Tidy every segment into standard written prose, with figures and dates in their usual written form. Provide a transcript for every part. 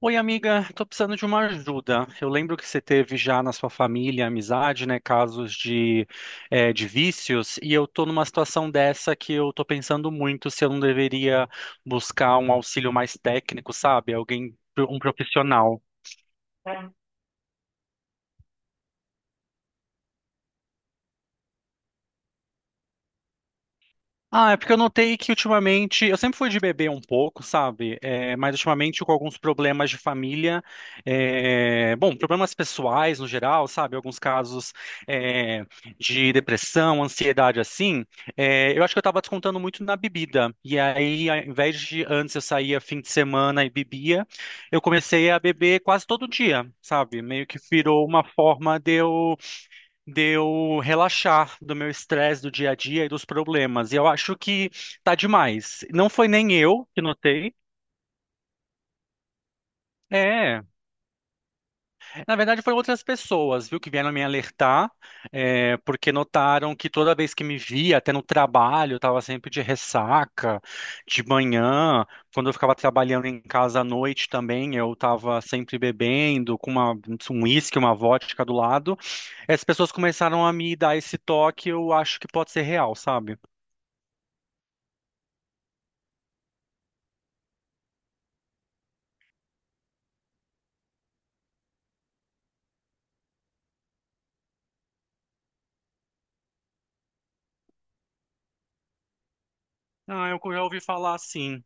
Oi, amiga, estou precisando de uma ajuda. Eu lembro que você teve já na sua família, amizade, né, casos de vícios, e eu estou numa situação dessa que eu estou pensando muito se eu não deveria buscar um auxílio mais técnico, sabe? Alguém, um profissional. Ah, é porque eu notei que ultimamente, eu sempre fui de beber um pouco, sabe? É, mas ultimamente com alguns problemas de família, bom, problemas pessoais no geral, sabe? Alguns casos é, de depressão, ansiedade assim, eu acho que eu tava descontando muito na bebida. E aí, ao invés de antes eu saía fim de semana e bebia, eu comecei a beber quase todo dia, sabe? Meio que virou uma forma de eu relaxar do meu estresse do dia a dia e dos problemas. E eu acho que tá demais. Não foi nem eu que notei. É, na verdade foram outras pessoas, viu, que vieram me alertar, porque notaram que toda vez que me via, até no trabalho, eu estava sempre de ressaca, de manhã, quando eu ficava trabalhando em casa à noite também, eu estava sempre bebendo, com um uísque, uma vodka do lado. As pessoas começaram a me dar esse toque, eu acho que pode ser real, sabe? Ah, eu já ouvi falar sim.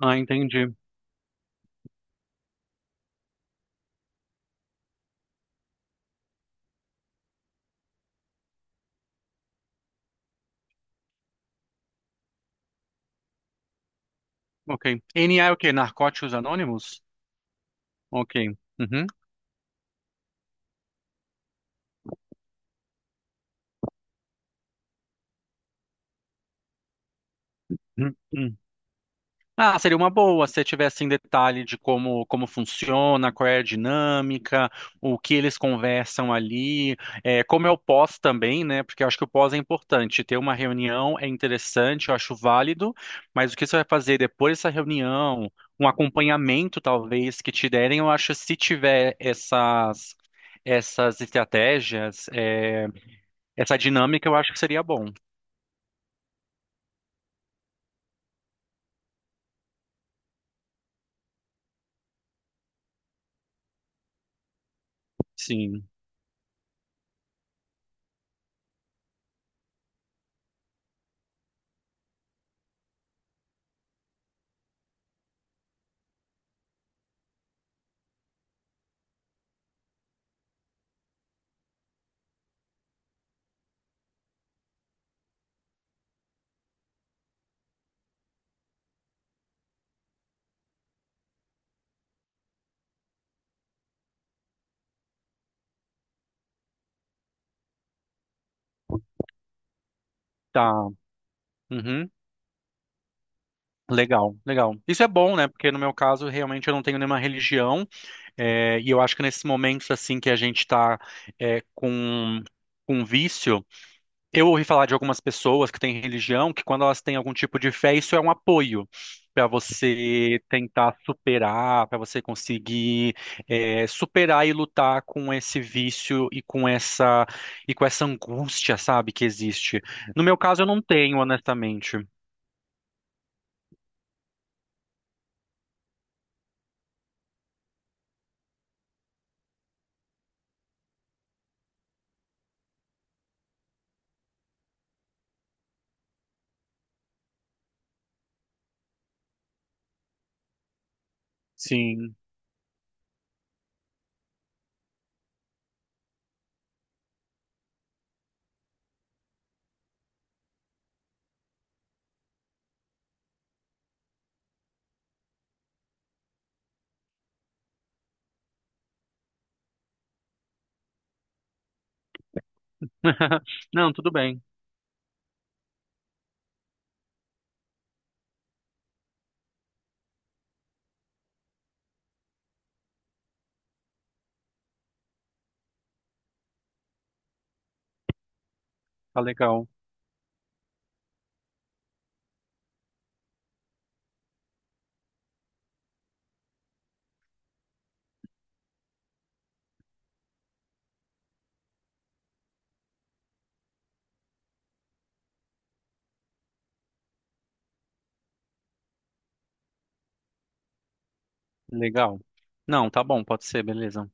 Ah, entendi. Ok. NA é o quê? Narcóticos Anônimos? Ok. Uhum. Uhum. Ah, seria uma boa se tivesse em detalhe de como funciona, qual é a dinâmica, o que eles conversam ali, como é o pós também, né? Porque eu acho que o pós é importante. Ter uma reunião é interessante, eu acho válido, mas o que você vai fazer depois dessa reunião, um acompanhamento talvez que te derem, eu acho que se tiver essas estratégias, essa dinâmica, eu acho que seria bom. Sim, tá. Uhum. Legal, legal. Isso é bom, né? Porque no meu caso, realmente eu não tenho nenhuma religião, e eu acho que nesses momentos assim que a gente está com com vício, eu ouvi falar de algumas pessoas que têm religião que quando elas têm algum tipo de fé, isso é um apoio para você tentar superar, para você conseguir superar e lutar com esse vício e com essa angústia, sabe, que existe. No meu caso, eu não tenho, honestamente. Sim. Não, tudo bem. Tá legal, legal. Não, tá bom, pode ser, beleza.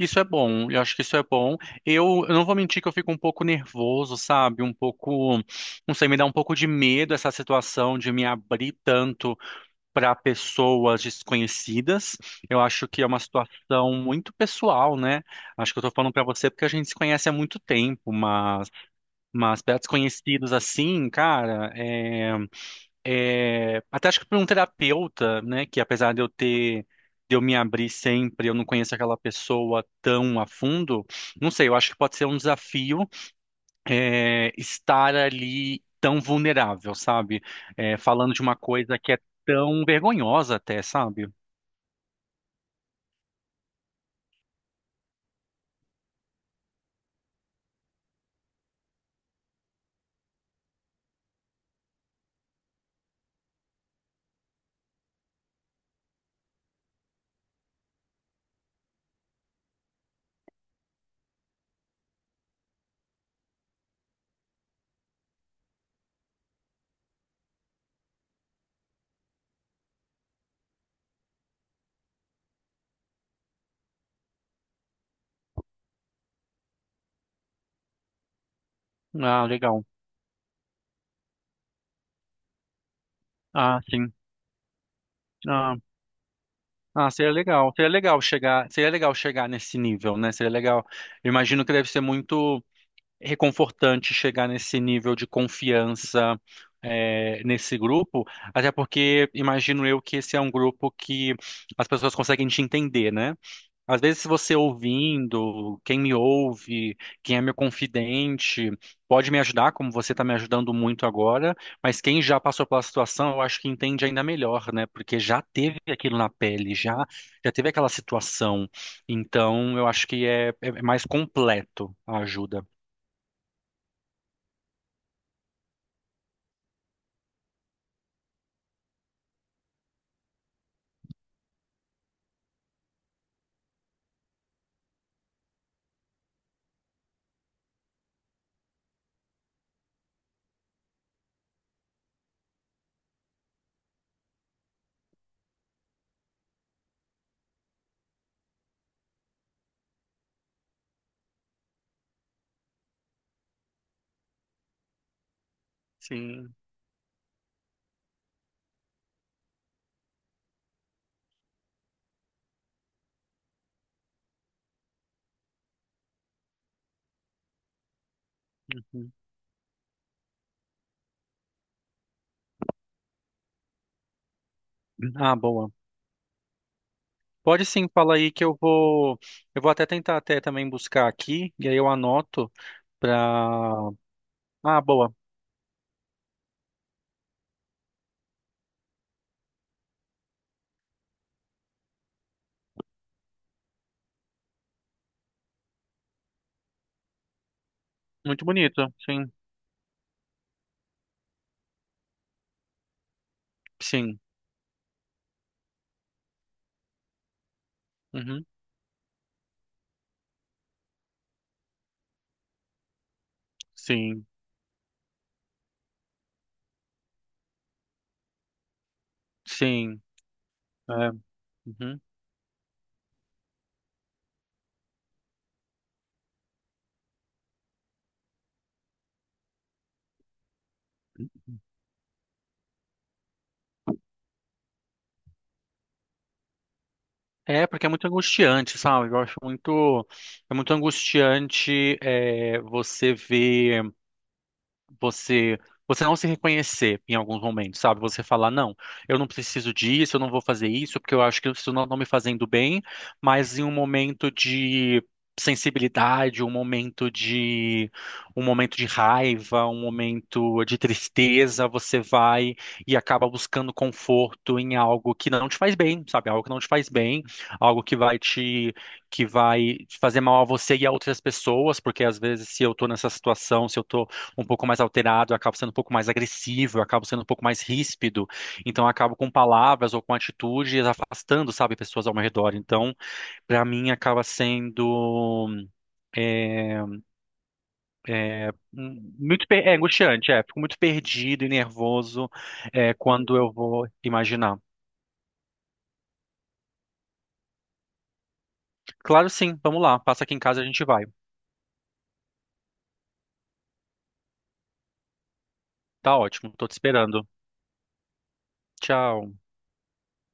Isso é bom, eu acho que isso é bom. Eu não vou mentir que eu fico um pouco nervoso, sabe? Um pouco, não sei, me dá um pouco de medo essa situação de me abrir tanto para pessoas desconhecidas. Eu acho que é uma situação muito pessoal, né? Acho que eu tô falando para você porque a gente se conhece há muito tempo, mas para desconhecidos assim, cara, é. É, até acho que para um terapeuta, né, que apesar de eu me abrir sempre, eu não conheço aquela pessoa tão a fundo, não sei, eu acho que pode ser um desafio, estar ali tão vulnerável, sabe? É, falando de uma coisa que é tão vergonhosa até, sabe? Ah, legal. Ah, sim. Ah, ah, seria legal. Seria legal chegar nesse nível, né? Seria legal. Eu imagino que deve ser muito reconfortante chegar nesse nível de confiança nesse grupo, até porque imagino eu que esse é um grupo que as pessoas conseguem te entender, né? Às vezes, se você ouvindo, quem me ouve, quem é meu confidente, pode me ajudar, como você está me ajudando muito agora, mas quem já passou pela situação, eu acho que entende ainda melhor, né? Porque já teve aquilo na pele, já teve aquela situação. Então, eu acho que é mais completo a ajuda. Sim. Uhum. Ah, boa. Pode sim, fala aí que eu vou até tentar até também buscar aqui e aí eu anoto pra. Ah, boa. Muito bonito. Sim, sim. Uhum. Sim, sim. É. Uhum. É, porque é muito angustiante, sabe? É muito angustiante você ver você você não se reconhecer em alguns momentos, sabe? Você falar, não, eu não preciso disso, eu não vou fazer isso, porque eu acho que isso não está me fazendo bem, mas em um momento de sensibilidade, um momento de raiva, um momento de tristeza, você vai e acaba buscando conforto em algo que não te faz bem, sabe? Algo que não te faz bem, algo que vai fazer mal a você e a outras pessoas, porque às vezes se eu tô nessa situação, se eu tô um pouco mais alterado, eu acabo sendo um pouco mais agressivo, eu acabo sendo um pouco mais ríspido. Então, eu acabo com palavras ou com atitudes afastando, sabe, pessoas ao meu redor. Então, para mim, acaba sendo é, muito angustiante, é. Fico muito perdido e nervoso quando eu vou imaginar. Claro, sim. Vamos lá. Passa aqui em casa e a gente vai. Tá ótimo. Tô te esperando. Tchau.